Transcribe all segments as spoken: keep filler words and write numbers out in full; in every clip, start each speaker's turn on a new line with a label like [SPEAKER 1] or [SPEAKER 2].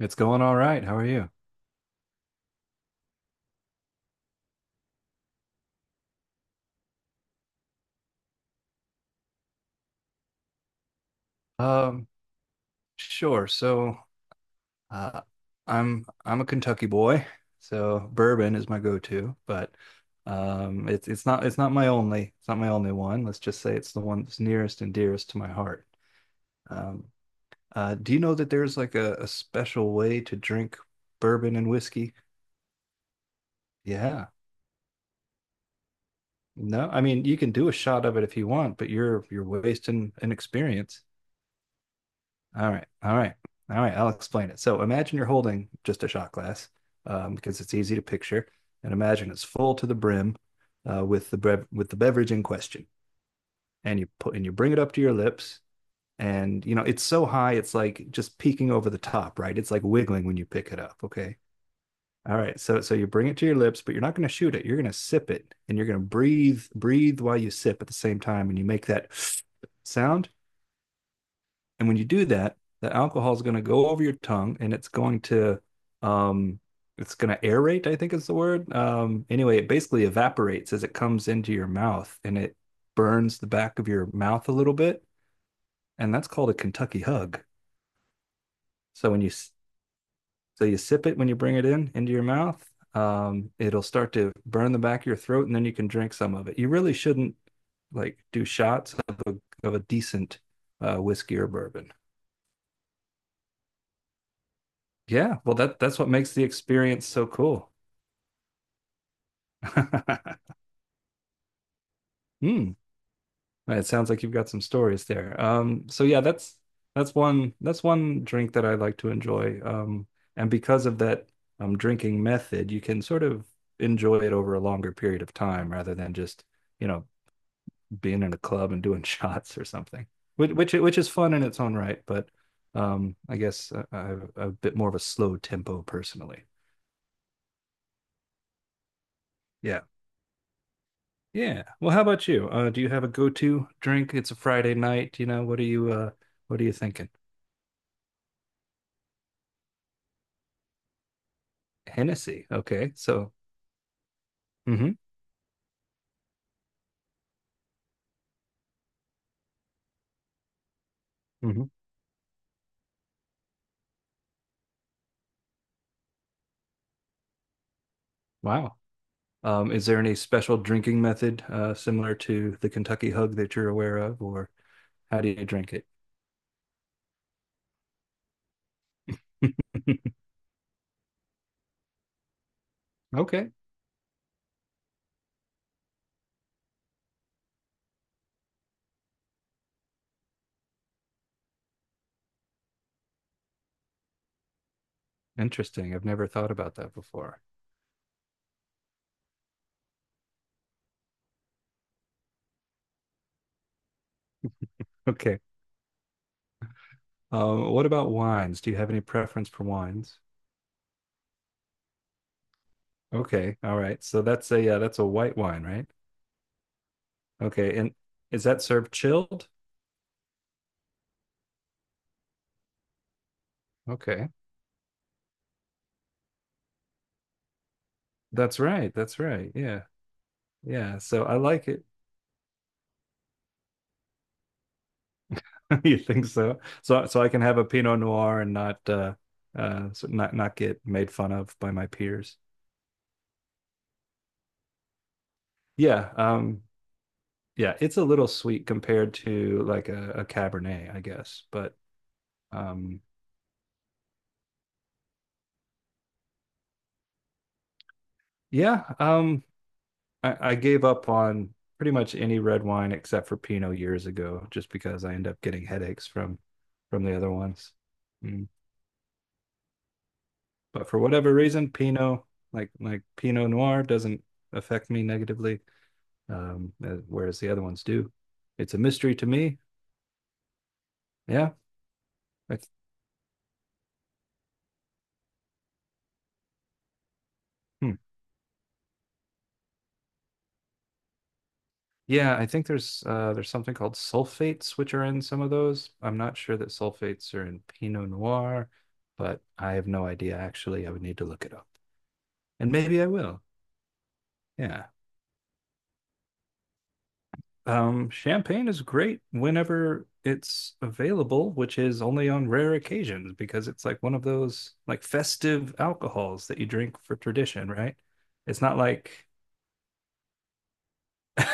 [SPEAKER 1] It's going all right. How are you? Um, sure. So, uh, I'm I'm a Kentucky boy, so bourbon is my go-to, but um, it's it's not it's not my only it's not my only one. Let's just say it's the one that's nearest and dearest to my heart. Um, uh, do you know that there's like a, a special way to drink bourbon and whiskey? Yeah. No, I mean you can do a shot of it if you want, but you're you're wasting an experience. All right. All right. All right. I'll explain it. So imagine you're holding just a shot glass um, because it's easy to picture. And imagine it's full to the brim uh, with the brev- with the beverage in question. And you put and you bring it up to your lips. And you know, it's so high, it's like just peeking over the top, right? It's like wiggling when you pick it up. Okay. All right. So so you bring it to your lips, but you're not going to shoot it. You're going to sip it and you're going to breathe, breathe while you sip at the same time. And you make that sound, and when you do that, the alcohol is going to go over your tongue and it's going to um it's going to aerate, I think is the word. Um anyway, it basically evaporates as it comes into your mouth and it burns the back of your mouth a little bit, and that's called a Kentucky hug. So when you so you sip it when you bring it in into your mouth, um it'll start to burn the back of your throat and then you can drink some of it. You really shouldn't like do shots of a of a decent uh, whiskey or bourbon. Yeah, well that that's what makes the experience so cool. Hmm. It sounds like you've got some stories there. Um, so yeah, that's that's one that's one drink that I like to enjoy. Um, and because of that um drinking method, you can sort of enjoy it over a longer period of time rather than just, you know, being in a club and doing shots or something. Which which which is fun in its own right, but um I guess uh, I, I'm a bit more of a slow tempo personally. Yeah. Yeah. Well, how about you? Uh, do you have a go-to drink? It's a Friday night, you know. What are you uh what are you thinking? Hennessy. Okay. So, hmm hmm. Wow. Um, is there any special drinking method uh similar to the Kentucky Hug that you're aware of, or how do you drink it? Okay. Interesting. I've never thought about that before. Okay. Um, what about wines? Do you have any preference for wines? Okay. All right. So that's a, yeah, that's a white wine, right? Okay. And is that served chilled? Okay. That's right. That's right. Yeah. Yeah. So I like it. You think so? So so I can have a Pinot Noir and not uh uh so not not get made fun of by my peers. Yeah. Um yeah, it's a little sweet compared to like a, a Cabernet, I guess. But um yeah, um I, I gave up on pretty much any red wine except for Pinot years ago just because I end up getting headaches from from the other ones. Mm. But for whatever reason, Pinot, like like Pinot Noir, doesn't affect me negatively, um, uh, whereas the other ones do. It's a mystery to me. Yeah, I th- hmm. Yeah. I think there's uh, there's something called sulfates, which are in some of those. I'm not sure that sulfates are in Pinot Noir, but I have no idea. Actually, I would need to look it up, and maybe I will. Yeah. Um, champagne is great whenever it's available, which is only on rare occasions because it's like one of those like festive alcohols that you drink for tradition, right? It's not like,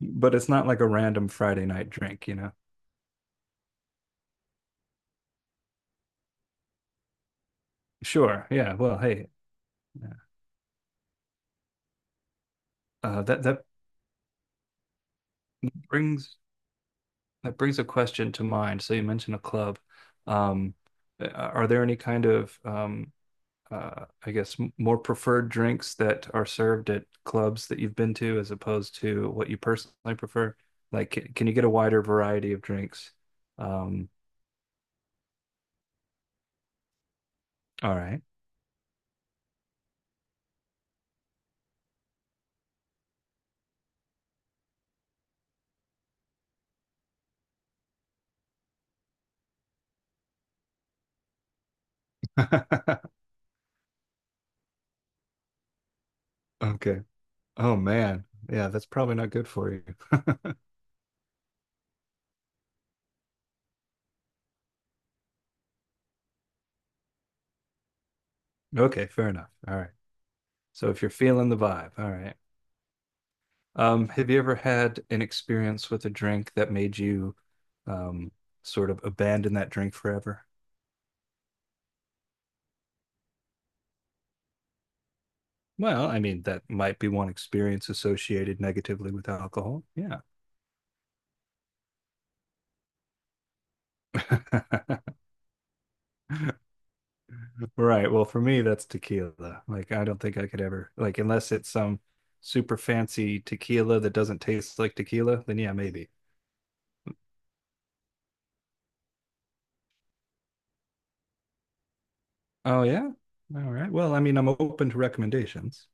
[SPEAKER 1] but it's not like a random Friday night drink, you know? Sure, yeah. Well, hey, yeah. uh, that that brings that brings a question to mind. So you mentioned a club. Um, uh, are there any kind of um, uh, I guess more preferred drinks that are served at clubs that you've been to as opposed to what you personally prefer? Like, can, can you get a wider variety of drinks? Um, all right. Okay. Oh man. Yeah, that's probably not good for you. Okay, fair enough. All right. So if you're feeling the vibe, all right. Um, have you ever had an experience with a drink that made you um sort of abandon that drink forever? Well, I mean, that might be one experience associated negatively with alcohol. Yeah. Right. Well, for me, that's tequila. Like, I don't think I could ever, like, unless it's some super fancy tequila that doesn't taste like tequila, then yeah, maybe. Oh, yeah. All right. Well, I mean, I'm open to recommendations.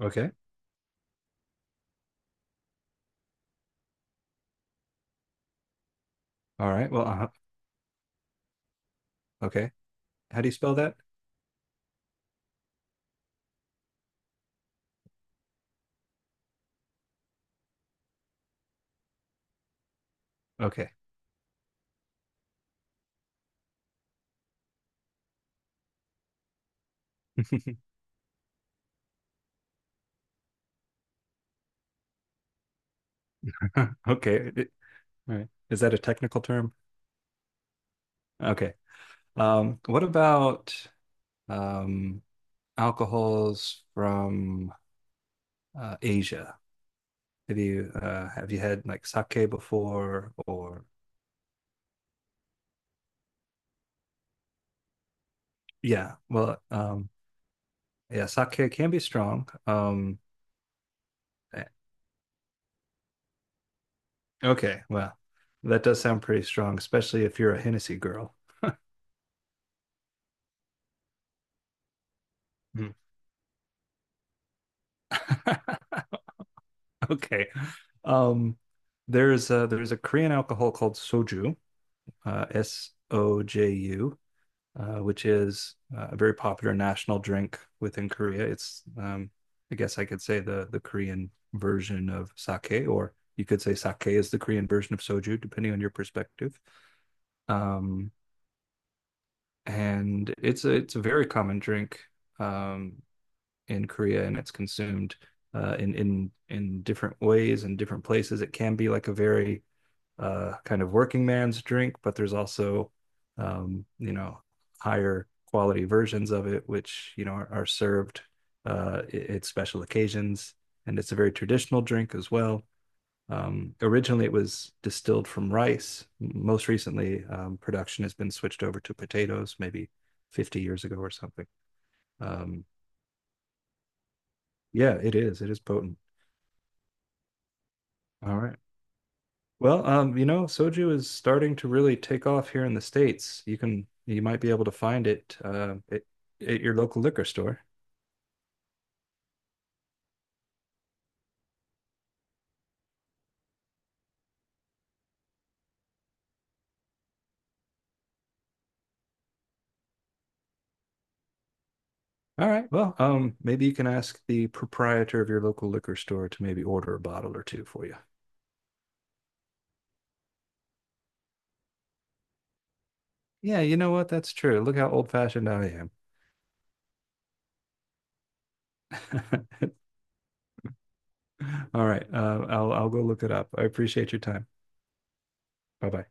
[SPEAKER 1] Okay. All right. Well, uh-huh. Okay. How do you spell that? Okay. Okay. It- all right. Is that a technical term? Okay. Um, what about um alcohols from uh, Asia? Have you uh, have you had like sake before or yeah, well, um, yeah, sake can be strong. Um, eh, okay, well, that does sound pretty strong, especially if you're a Hennessy girl. Mm. Okay. Um, there's a, there's a Korean alcohol called soju, uh, S O J U Uh, which is uh, a very popular national drink within Korea. It's, um, I guess I could say the the Korean version of sake, or you could say sake is the Korean version of soju, depending on your perspective. Um, and it's a, it's a very common drink um, in Korea, and it's consumed uh, in in in different ways and different places. It can be like a very uh, kind of working man's drink, but there's also, um, you know, higher quality versions of it, which, you know, are, are served uh, at special occasions. And it's a very traditional drink as well. Um, originally, it was distilled from rice. Most recently, um, production has been switched over to potatoes, maybe fifty years ago or something. Um, yeah, it is. It is potent. All right. Well, um, you know, soju is starting to really take off here in the States. You can, you might be able to find it, uh, at, at your local liquor store. All right. Well, um, maybe you can ask the proprietor of your local liquor store to maybe order a bottle or two for you. Yeah, you know what? That's true. Look how old-fashioned I am. All right. Uh, I'll I'll go look it up. I appreciate your time. Bye bye.